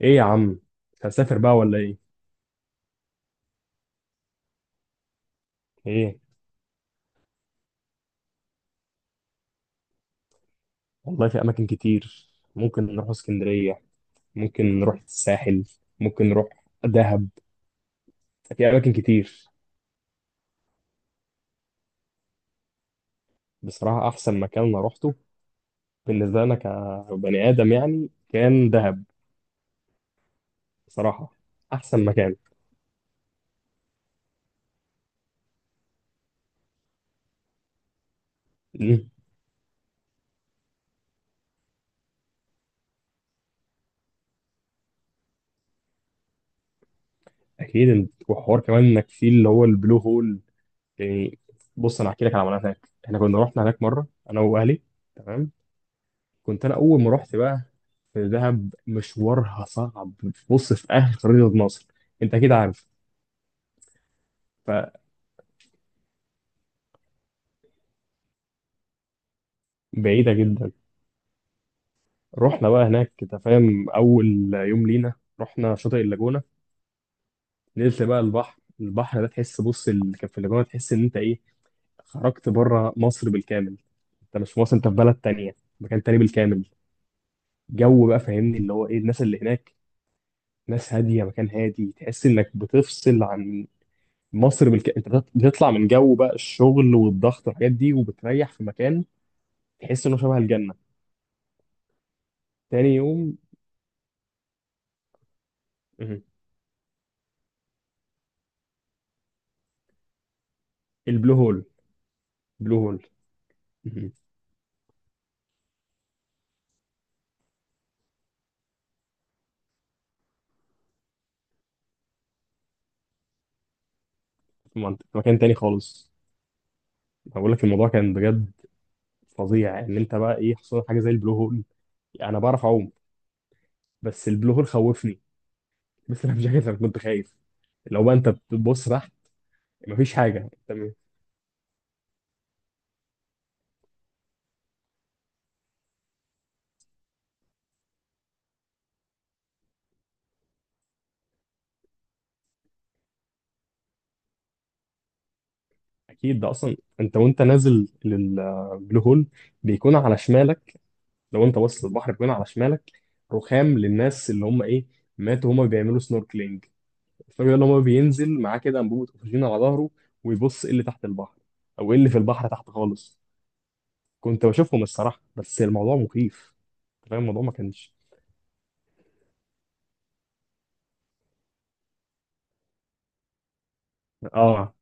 ايه يا عم. مش هنسافر بقى ولا ايه؟ ايه والله، في اماكن كتير. ممكن نروح اسكندرية، ممكن نروح الساحل، ممكن نروح دهب. في اماكن كتير. بصراحة احسن مكان انا روحته بالنسبة لنا كبني ادم يعني كان دهب. بصراحة احسن مكان. مم. اكيد وحوار كمان انك في اللي هو البلو هول يعني. بص، انا هحكي لك على عملنا هناك، احنا كنا رحنا هناك مرة انا واهلي. تمام، كنت انا اول ما رحت بقى في دهب مشوارها صعب. بص، في اهل خريطة مصر انت اكيد عارف، فبعيدة جدا. رحنا بقى هناك، انت فاهم، اول يوم لينا رحنا شاطئ اللاجونة. نزلت بقى البحر ده تحس، بص اللي كان في اللاجونة تحس ان انت ايه، خرجت بره مصر بالكامل. انت مش في مصر، انت في بلد تانية، مكان تاني بالكامل. جو بقى، فاهمني، اللي هو ايه، الناس اللي هناك ناس هادية، مكان هادي، تحس انك بتفصل عن مصر، انت بتطلع من جو بقى الشغل والضغط والحاجات دي وبتريح في مكان تحس انه شبه الجنه. تاني يوم. مه. البلو هول. بلو هول. مه. في منطقة، في مكان تاني خالص. أنا بقول لك الموضوع كان بجد فظيع، ان انت بقى ايه حصل لك حاجه زي البلو هول. انا بعرف اعوم بس البلو هول خوفني. بس انا مش عارف، انا كنت خايف لو بقى انت بتبص تحت مفيش حاجه، انت. اكيد ده اصلا انت وانت نازل للبلو هول بيكون على شمالك. لو انت باصص للبحر كمان على شمالك، رخام للناس اللي هم ايه ماتوا، هم بيعملوا سنوركلينج. الفرق ان هو بينزل معاه كده انبوبه اكسجين على ظهره ويبص ايه اللي تحت البحر، او ايه اللي في البحر تحت خالص. كنت بشوفهم الصراحه، بس الموضوع مخيف. أنت فاهم الموضوع ما كانش اه.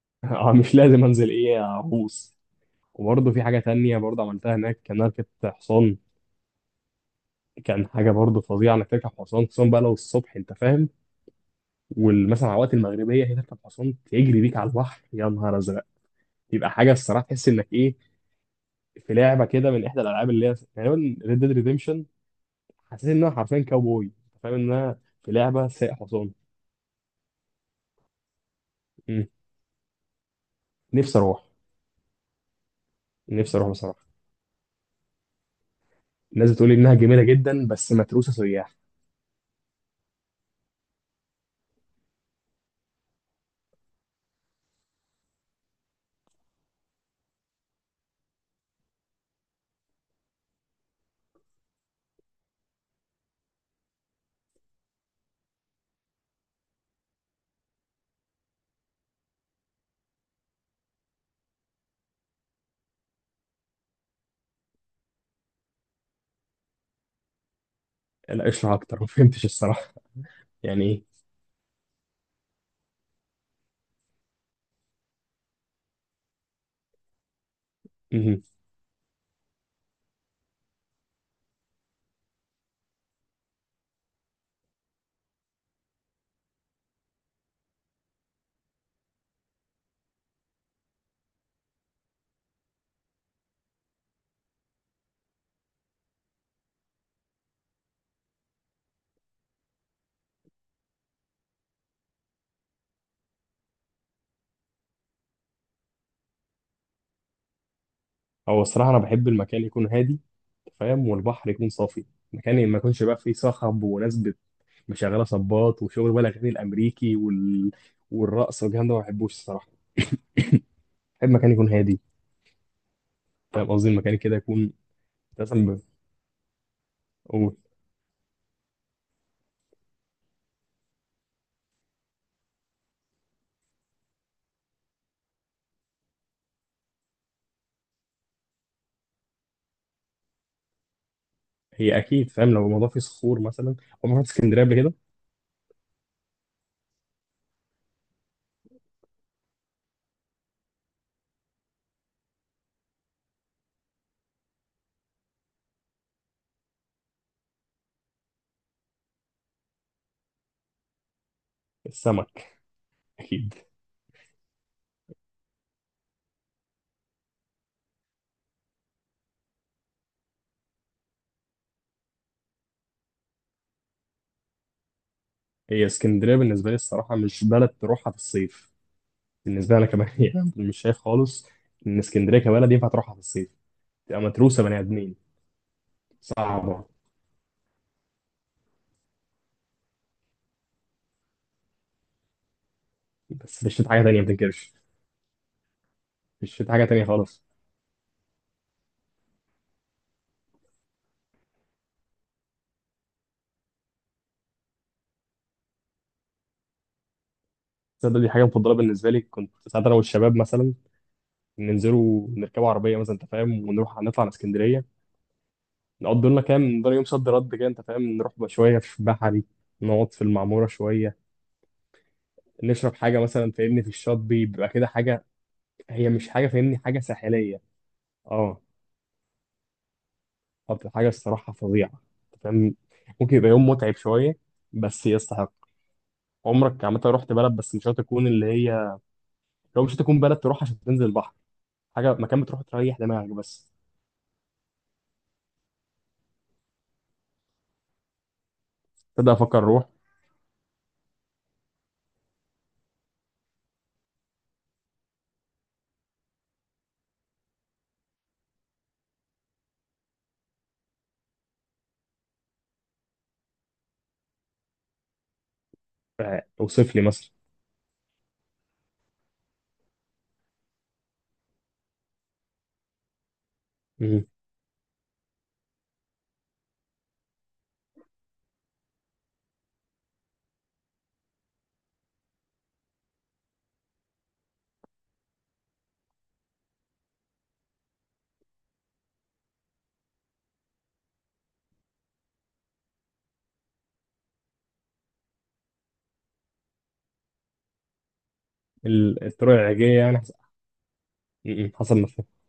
اه، مش لازم انزل ايه اغوص. وبرضه في حاجه تانية برضه عملتها هناك، كان ركبت حصان. كان حاجه برضه فظيعه انك تركب حصان، خصوصا بقى لو الصبح، انت فاهم. ومثلا على وقت المغربيه هي تركب حصان تجري بيك على البحر، يا نهار ازرق. يبقى حاجه الصراحه تحس انك ايه، في لعبه كده من احدى الالعاب اللي هي غالبا ريد ديد ريديمشن. حسيت انها حرفيا كاوبوي، فاهم انها في لعبه سايق حصان. مم. نفسي اروح نفسي اروح بصراحه. الناس بتقول انها جميله جدا بس متروسه سياح. لا، اشرح اكتر. ما فهمتش الصراحه، يعني ايه؟ مم. هو الصراحه انا بحب المكان يكون هادي، فاهم، والبحر يكون صافي. مكان ما يكونش بقى فيه صخب وناس مشغله صباط وشغل بقى الاغاني الامريكي والرقص والكلام ده ما بحبوش الصراحه. بحب مكان يكون هادي، فاهم قصدي، المكان كده يكون مثلا أو- هي اكيد، فاهم، لو الموضوع فيه صخور مثلا. عمرك رحت اسكندريه قبل كده؟ السمك اكيد. هي اسكندريه بالنسبه لي الصراحه مش بلد تروحها في الصيف، بالنسبه لي انا كمان، يعني مش شايف خالص ان اسكندريه كبلد ينفع تروحها في الصيف، تبقى متروسه بني ادمين. صعبه. بس في الشتاء حاجه تانيه ما تنكرش. في الشتاء حاجه تانيه خالص. تصدق دي حاجه مفضله بالنسبه لي، كنت ساعات انا والشباب مثلا ننزلوا نركبوا عربيه مثلا، انت فاهم، ونروح نطلع على اسكندريه. نقضي لنا كام، نقضي يوم صد رد كده، انت فاهم، نروح بقى شويه في بحري، نقعد في المعموره شويه، نشرب حاجه مثلا، فاهمني، في الشاطبي بيبقى كده حاجه. هي مش حاجه، فاهمني، حاجه ساحليه. اه. طب حاجه الصراحه فظيعه، انت فاهم، ممكن يبقى يوم متعب شويه بس يستحق. عمرك عامه رحت بلد بس مش هتكون اللي هي، لو مش هتكون بلد تروح عشان تنزل البحر، حاجه، مكان بتروح تريح دماغك بس. تبدا افكر روح. آه، اوصف لي مثلا. مم. الطرق العلاجيه يعني، حسب ما فهمت.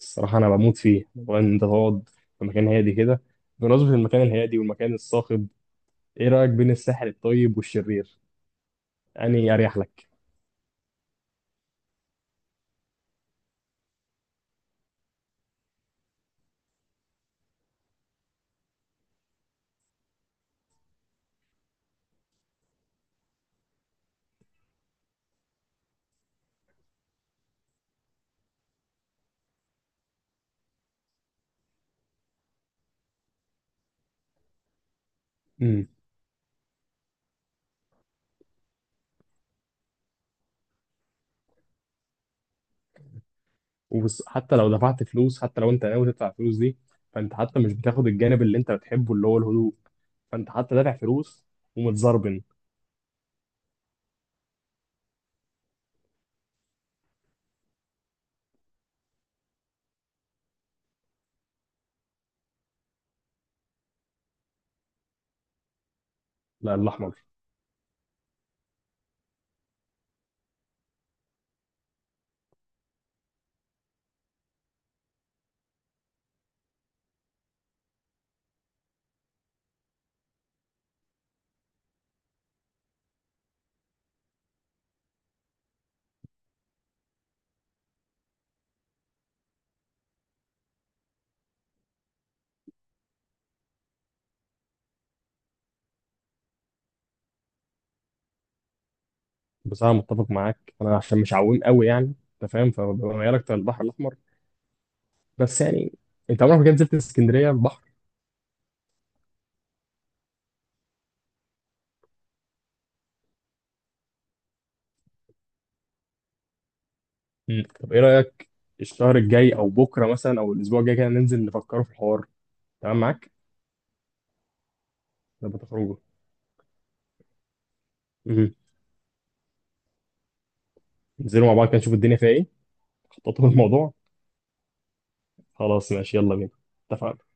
الصراحة أنا بموت فيه، وإن أنت تقعد في مكان هادي كده. بمناسبة المكان الهادي والمكان الصاخب، إيه رأيك بين الساحل الطيب والشرير؟ أنهي أريح لك؟ امم وحتى لو دفعت فلوس، حتى لو أنت ناوي تدفع فلوس دي، فأنت حتى مش بتاخد الجانب اللي أنت بتحبه اللي هو الهدوء، فأنت حتى دافع فلوس، ومتزربن. لا، الأحمر. بصراحة متفق معاك أنا، عشان مش عويم قوي يعني، أنت فاهم، فببقى ميال أكتر للبحر الأحمر. بس يعني أنت عمرك ما كنت نزلت اسكندرية؟ مم. طب ايه رأيك، الشهر الجاي او بكره مثلا او الاسبوع الجاي كده ننزل نفكروا في الحوار؟ تمام معاك؟ نبقى تخرجوا. مم. ننزلوا مع بعض كده نشوف الدنيا فيها ايه، نخططوا الموضوع. خلاص ماشي، يلا بينا. اتفقنا.